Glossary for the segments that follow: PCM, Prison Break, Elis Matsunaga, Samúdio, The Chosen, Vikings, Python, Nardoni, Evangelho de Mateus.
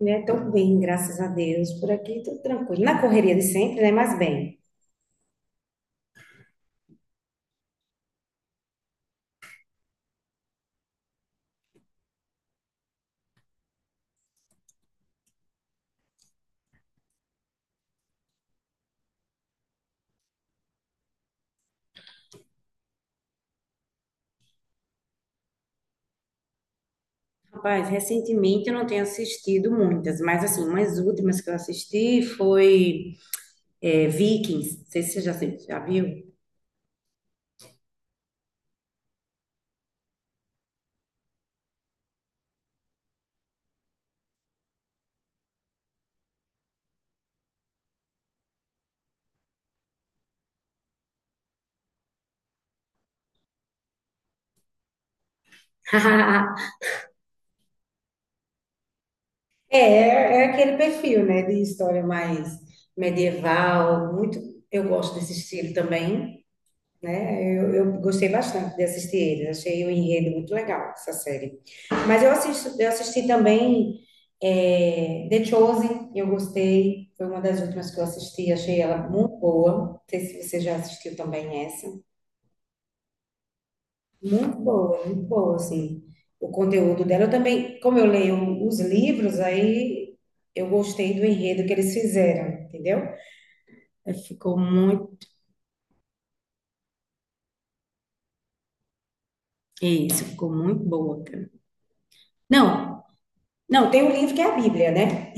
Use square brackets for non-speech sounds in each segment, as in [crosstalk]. Né? Tô bem, graças a Deus. Por aqui tudo tranquilo. Na correria de sempre, né? Mas bem. Rapaz, recentemente eu não tenho assistido muitas, mas assim, umas últimas que eu assisti foi Vikings. Não sei se você já, já viu. [laughs] É, é aquele perfil, né? De história mais medieval. Muito, eu gosto desse estilo também, né? Eu gostei bastante de assistir ele, achei o enredo muito legal, essa série. Mas eu assisto, eu assisti também The Chosen, eu gostei, foi uma das últimas que eu assisti, achei ela muito boa. Não sei se você já assistiu também essa. Muito boa, assim, o conteúdo dela. Eu também, como eu leio os livros, aí eu gostei do enredo que eles fizeram, entendeu? Aí ficou muito, isso, ficou muito boa, cara. Não, não, tem um livro que é a Bíblia, né?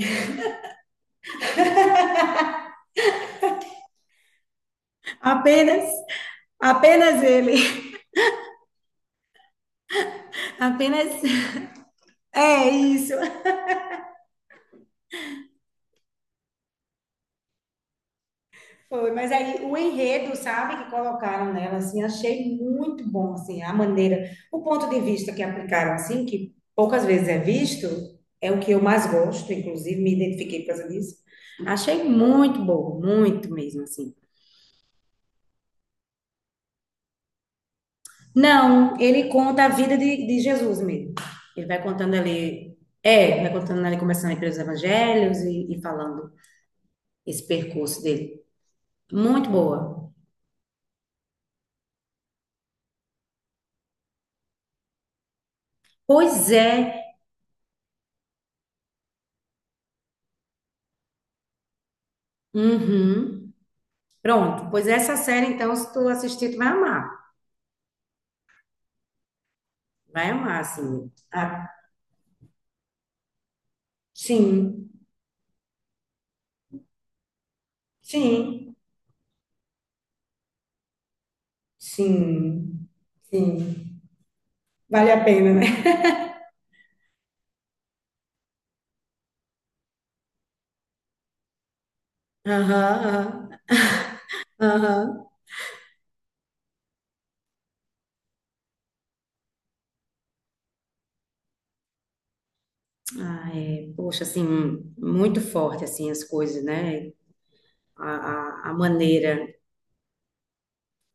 Apenas, apenas ele, [laughs] apenas. É isso. Foi, mas aí o enredo, sabe, que colocaram nela, assim, achei muito bom, assim, a maneira, o ponto de vista que aplicaram, assim, que poucas vezes é visto, é o que eu mais gosto, inclusive me identifiquei por causa disso. Achei muito bom, muito mesmo, assim. Não, ele conta a vida de Jesus mesmo. Ele vai contando ali, é, vai contando ali, começando ali pelos evangelhos e falando esse percurso dele. Muito boa. Pois é. Uhum. Pronto. Pois essa série, então, se tu assistir, tu vai amar. Vai amar, assim. Ah, sim, sim, sim, sim. Vale a pena, né? Aham, aham, aham. Ah, é, poxa, assim, muito forte, assim, as coisas, né? A maneira.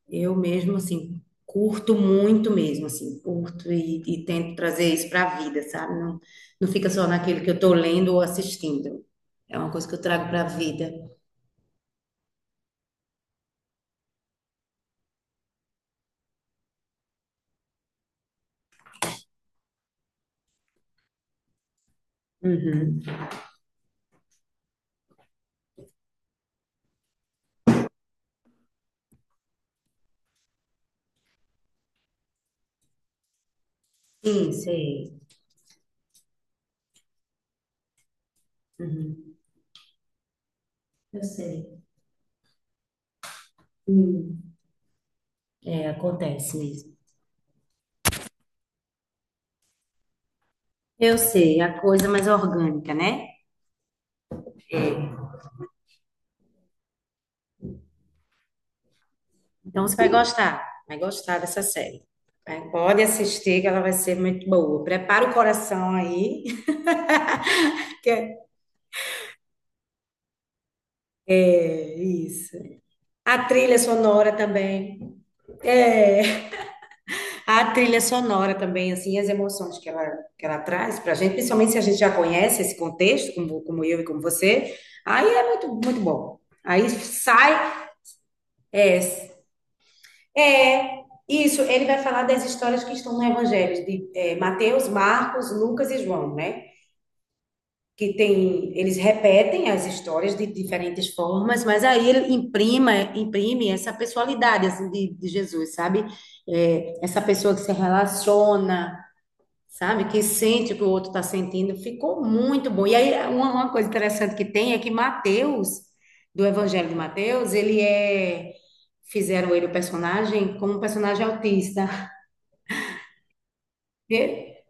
Eu mesmo, assim, curto muito mesmo, assim, curto e tento trazer isso para a vida, sabe? Não, não fica só naquilo que eu tô lendo ou assistindo. É uma coisa que eu trago para a vida. Sim, sei. Uhum. Eu sei. Hum. É, acontece mesmo. Eu sei, é a coisa mais orgânica, né? É. Então você vai gostar dessa série. Vai- Pode assistir, que ela vai ser muito boa. Prepara o coração aí. [laughs] que é é isso. A trilha sonora também. É, a trilha sonora também, assim, as emoções que ela traz pra gente, principalmente se a gente já conhece esse contexto, como, como eu e como você, aí é muito, muito bom. Aí sai, é, é, isso, ele vai falar das histórias que estão no Evangelho, de Mateus, Marcos, Lucas e João, né? Que tem, eles repetem as histórias de diferentes formas, mas aí ele imprima, imprime essa pessoalidade, assim, de Jesus, sabe? É, essa pessoa que se relaciona, sabe? Que sente o que o outro está sentindo. Ficou muito bom. E aí, uma coisa interessante que tem é que Mateus, do Evangelho de Mateus, ele é. Fizeram ele o personagem como um personagem autista. E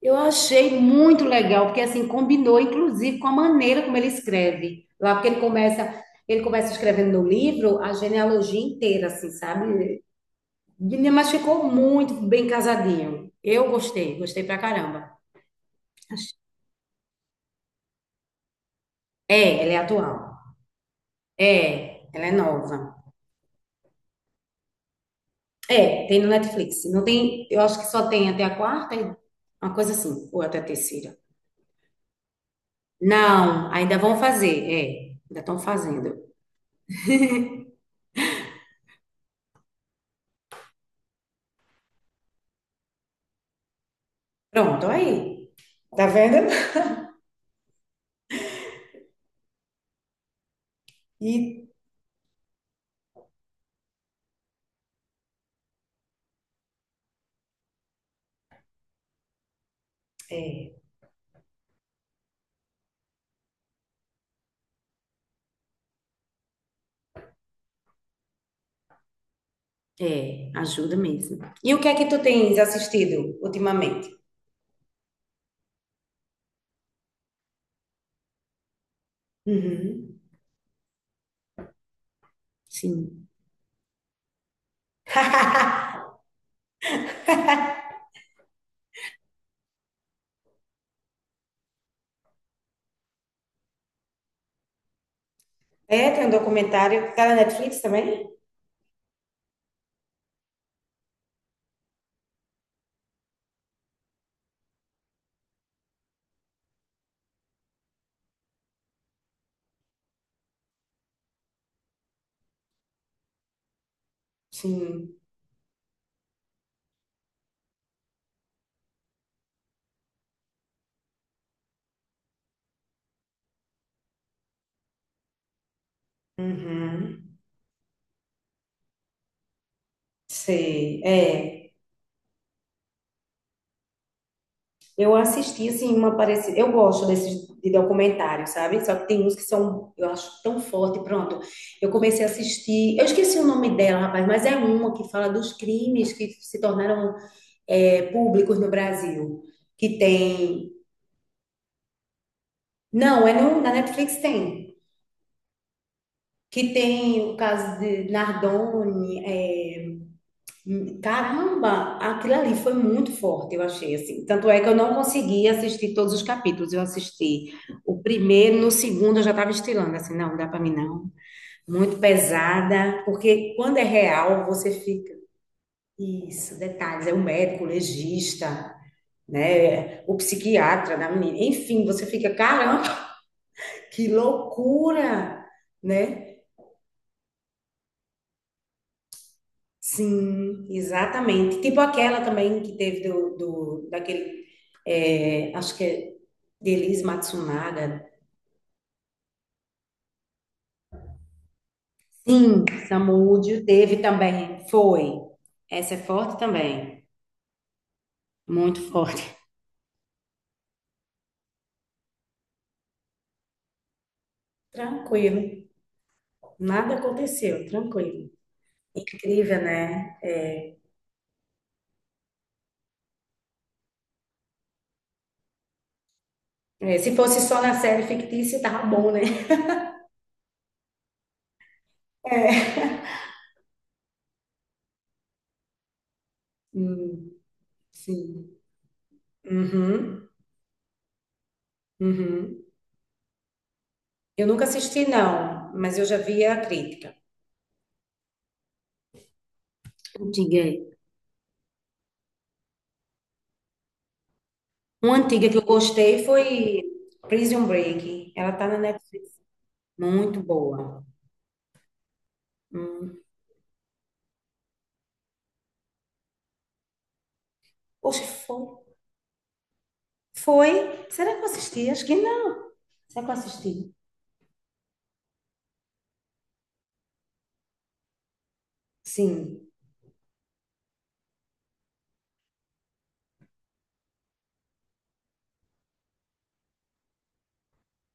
Eu achei muito legal, porque assim combinou, inclusive, com a maneira como ele escreve. Lá, porque ele começa. Ele começa escrevendo no livro a genealogia inteira, assim, sabe? Mas ficou muito bem casadinho. Eu gostei, gostei pra caramba. É, ele é atual. É, ela é nova. É, tem no Netflix. Não tem, eu acho que só tem até a quarta, uma coisa assim, ou até a terceira. Não, ainda vão fazer, é, ainda estão fazendo. Pronto, aí. Tá vendo? E É, é, ajuda mesmo. E o que é que tu tens assistido ultimamente? Uhum. Sim. É, tem um documentário. Tá na Netflix também? Sim. Uhum. Sei. É. Eu assisti, assim, uma parecida. Eu gosto desses de documentários, sabe? Só que tem uns que são, eu acho, tão forte. Pronto, eu comecei a assistir. Eu esqueci o nome dela, rapaz, mas é uma que fala dos crimes que se tornaram públicos no Brasil. Que tem. Não, é no, na Netflix tem. Que tem o caso de Nardoni, é, caramba, aquilo ali foi muito forte, eu achei assim. Tanto é que eu não consegui assistir todos os capítulos. Eu assisti o primeiro, no segundo eu já estava estilando assim, não, não dá para mim não. Muito pesada, porque quando é real você fica. Isso, detalhes, é o médico, o legista, né? O psiquiatra da menina. Enfim, você fica, caramba, que loucura, né? Sim, exatamente. Tipo aquela também que teve do daquele, acho que é de Elis Matsunaga. Sim, Samúdio teve também, foi. Essa é forte também, muito forte. Tranquilo. Nada aconteceu, tranquilo. Incrível, né? É, se fosse só na série fictícia, tava bom, né? [laughs] É. Hum, sim. Uhum, uhum. Eu nunca assisti, não, mas eu já vi a crítica. Diga aí. Uma antiga que eu gostei foi Prison Break. Ela tá na Netflix. Muito boa. Hum. Oxe, foi. Foi? Será que eu assisti? Acho que não. Será que eu assisti? Sim.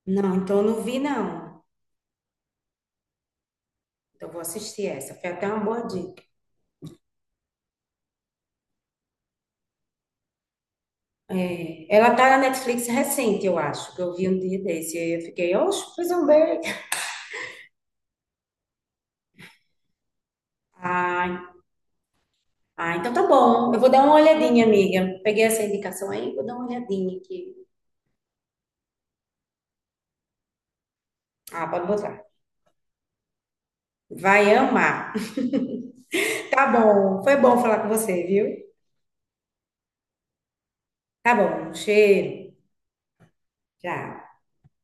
Não, então eu não vi, não. Então eu vou assistir essa. Foi até uma boa dica. É, ela tá na Netflix recente, eu acho, que eu vi um dia desse. E eu fiquei, oxe, Prison Break. Ah, ah, então tá bom. Eu vou dar uma olhadinha, amiga. Peguei essa indicação aí, vou dar uma olhadinha aqui. Ah, pode botar. Vai amar. Tá bom, foi bom falar com você, viu? Tá bom, um cheiro. Tchau.